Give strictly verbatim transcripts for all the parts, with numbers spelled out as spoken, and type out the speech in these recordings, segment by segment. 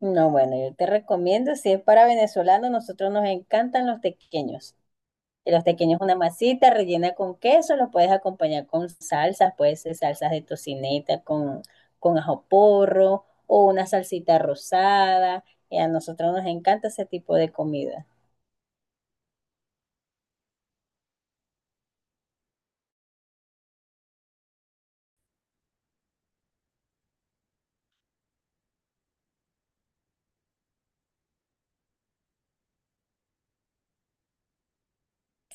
No, bueno, yo te recomiendo, si es para venezolanos, nosotros nos encantan los tequeños. Y los tequeños es una masita rellena con queso, los puedes acompañar con salsas, puede ser salsas de tocineta con, con ajo porro o una salsita rosada. Y a nosotros nos encanta ese tipo de comida.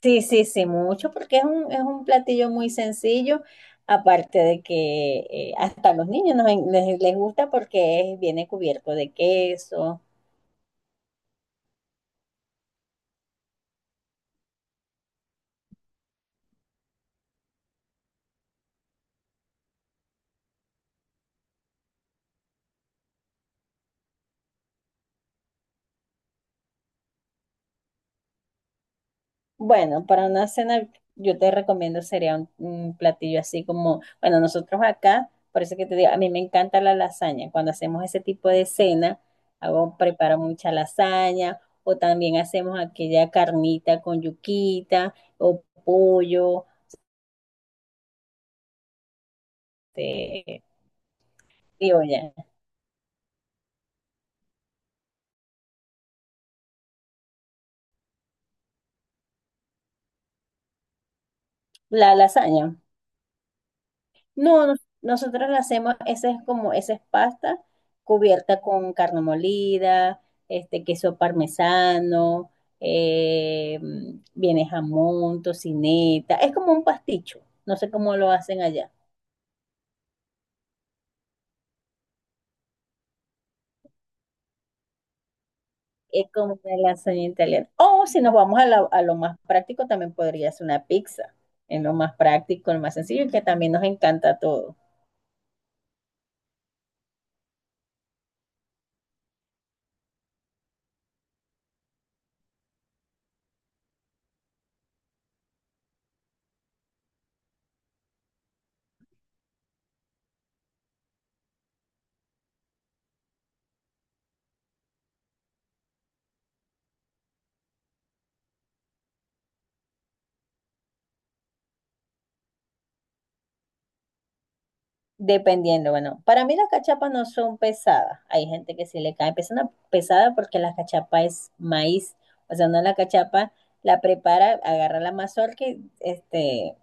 Sí, sí, sí, mucho, porque es un, es un platillo muy sencillo, aparte de que eh, hasta a los niños nos en- les, les gusta porque es- viene cubierto de queso. Bueno, para una cena yo te recomiendo sería un, un platillo así como, bueno, nosotros acá, por eso que te digo, a mí me encanta la lasaña. Cuando hacemos ese tipo de cena, hago, preparo mucha lasaña o también hacemos aquella carnita con yuquita o pollo, este, digo ya, la lasaña. No, nos- nosotros la hacemos, esa es como, esa es pasta cubierta con carne molida, este queso parmesano, eh, viene jamón, tocineta, es como un pasticho, no sé cómo lo hacen allá, es como una lasaña italiana. O si nos vamos a, la- a lo más práctico, también podría ser una pizza, es lo más práctico, lo más sencillo y que también nos encanta todo. Dependiendo, bueno, para mí las cachapas no son pesadas. Hay gente que sí le cae pesada, pesada porque la cachapa es maíz. O sea, uno la cachapa la prepara, agarra la mazorca, y, este,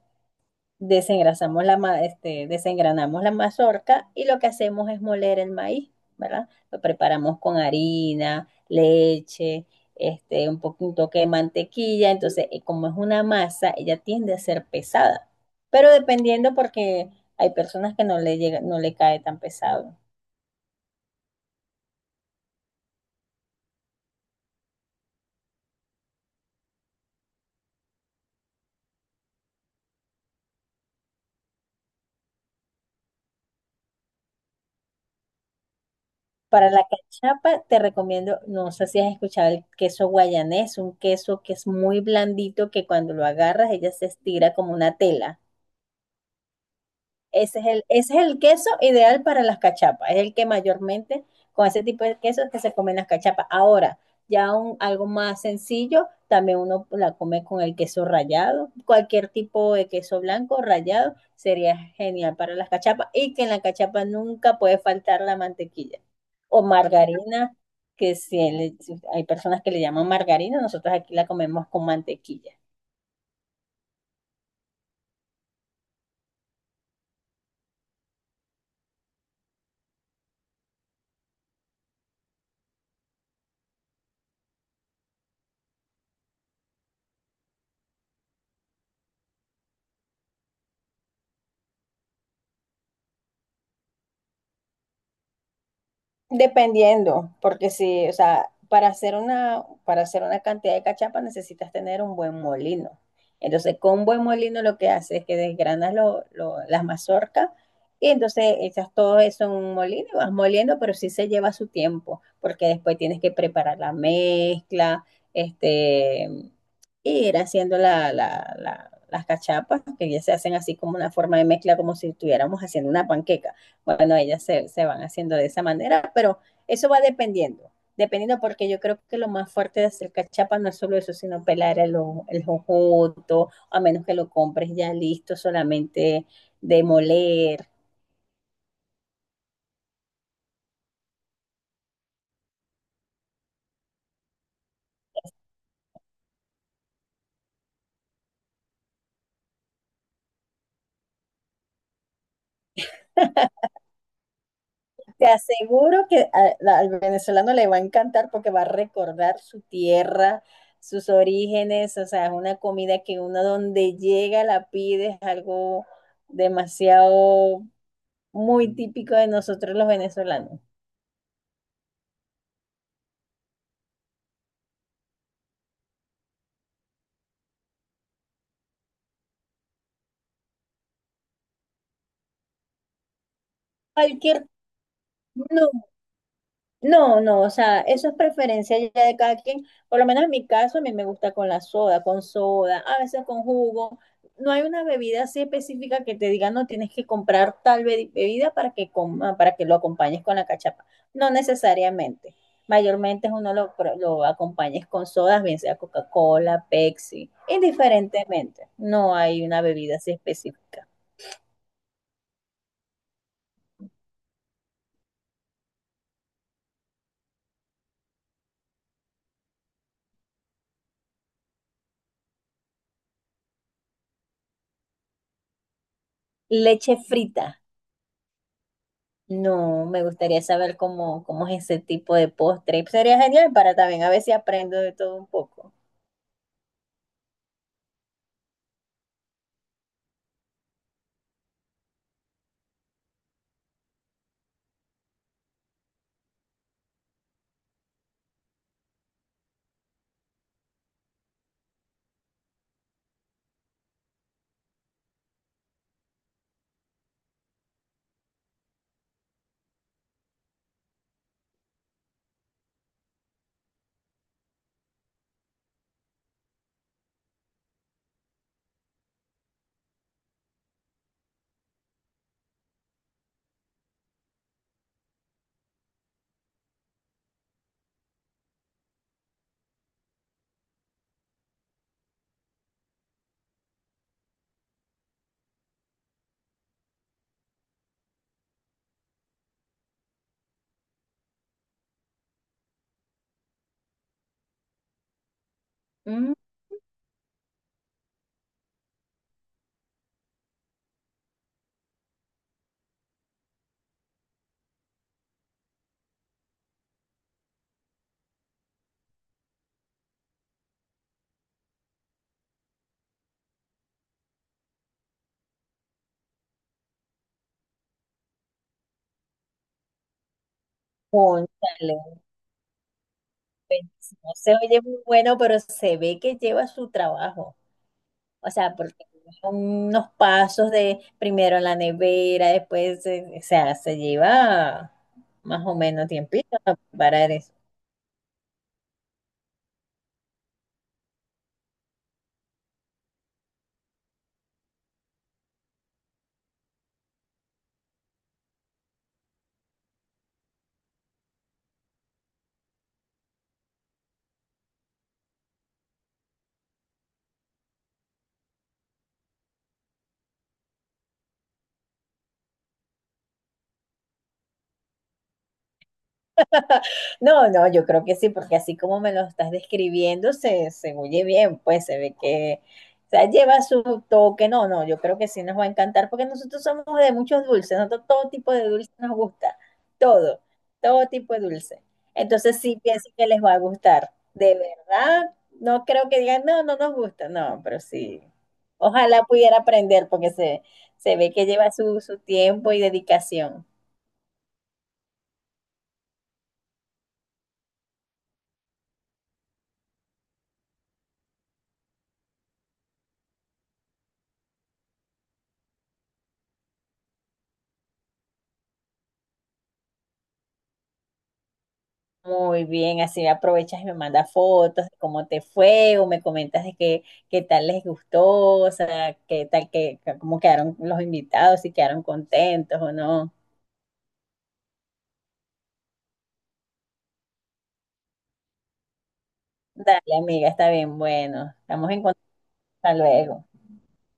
desengrasamos la, ma- este, desengranamos la mazorca y lo que hacemos es moler el maíz, ¿verdad? Lo preparamos con harina, leche, este, un poquito de mantequilla. Entonces, eh, como es una masa, ella tiende a ser pesada, pero dependiendo porque hay personas que no le llega, no le cae tan pesado. Para la cachapa te recomiendo, no sé si has escuchado el queso guayanés, un queso que es muy blandito que cuando lo agarras ella se estira como una tela. Ese es el, ese es el queso ideal para las cachapas. Es el que mayormente con ese tipo de quesos que se comen las cachapas. Ahora, ya un, algo más sencillo, también uno la come con el queso rallado. Cualquier tipo de queso blanco rallado sería genial para las cachapas. Y que en la cachapa nunca puede faltar la mantequilla o margarina, que si le- si hay personas que le llaman margarina, nosotros aquí la comemos con mantequilla. Dependiendo, porque si, o sea, para hacer una, para hacer una cantidad de cachapa necesitas tener un buen molino. Entonces, con un buen molino lo que hace es que desgranas lo, lo- las mazorcas y entonces echas todo eso en un molino y vas moliendo, pero sí se lleva su tiempo, porque después tienes que preparar la mezcla, este, y ir haciendo la, la- la- las cachapas, que ya se hacen así como una forma de mezcla, como si estuviéramos haciendo una panqueca. Bueno, ellas se, se van haciendo de esa manera, pero eso va dependiendo, dependiendo porque yo creo que lo más fuerte de hacer cachapa no es solo eso, sino pelar el, o- el jojoto, a menos que lo compres ya listo, solamente de moler. Te aseguro que a- la- al venezolano le va a encantar porque va a recordar su tierra, sus orígenes, o sea, es una comida que uno donde llega la pide, es algo demasiado muy típico de nosotros los venezolanos. Cualquier no, no, no, o sea, eso es preferencia ya de cada quien. Por lo menos en mi caso, a mí me gusta con la soda, con soda, a veces con jugo. No hay una bebida así específica que te diga, no tienes que comprar tal be- bebida para que coma, para que lo acompañes con la cachapa. No necesariamente. Mayormente uno lo, pro- lo acompañes con sodas, bien sea Coca-Cola, Pepsi, indiferentemente. No hay una bebida así específica. Leche frita. No, me gustaría saber cómo, cómo es ese tipo de postre. Sería genial para también a ver si aprendo de todo un poco. Mm, cónchale, pues, no se oye muy bueno, pero se ve que lleva su trabajo. O sea, porque son unos pasos de primero en la nevera, después, eh, o sea, se lleva más o menos tiempito para no, no, yo creo que sí, porque así como me lo estás describiendo, se, se oye bien, pues se ve que o sea, lleva su toque. No, no, yo creo que sí nos va a encantar, porque nosotros somos de muchos dulces, nosotros todo tipo de dulce nos gusta, todo, todo tipo de dulce. Entonces sí pienso que les va a gustar. De verdad, no creo que digan, no, no nos gusta, no, pero sí. Ojalá pudiera aprender, porque se, se ve que lleva su, su tiempo y dedicación. Muy bien, así me aprovechas y me mandas fotos de cómo te fue o me comentas de qué, qué tal les gustó, o sea, qué tal, que cómo quedaron los invitados, si quedaron contentos o no. Dale, amiga, está bien, bueno, estamos en contacto, hasta luego.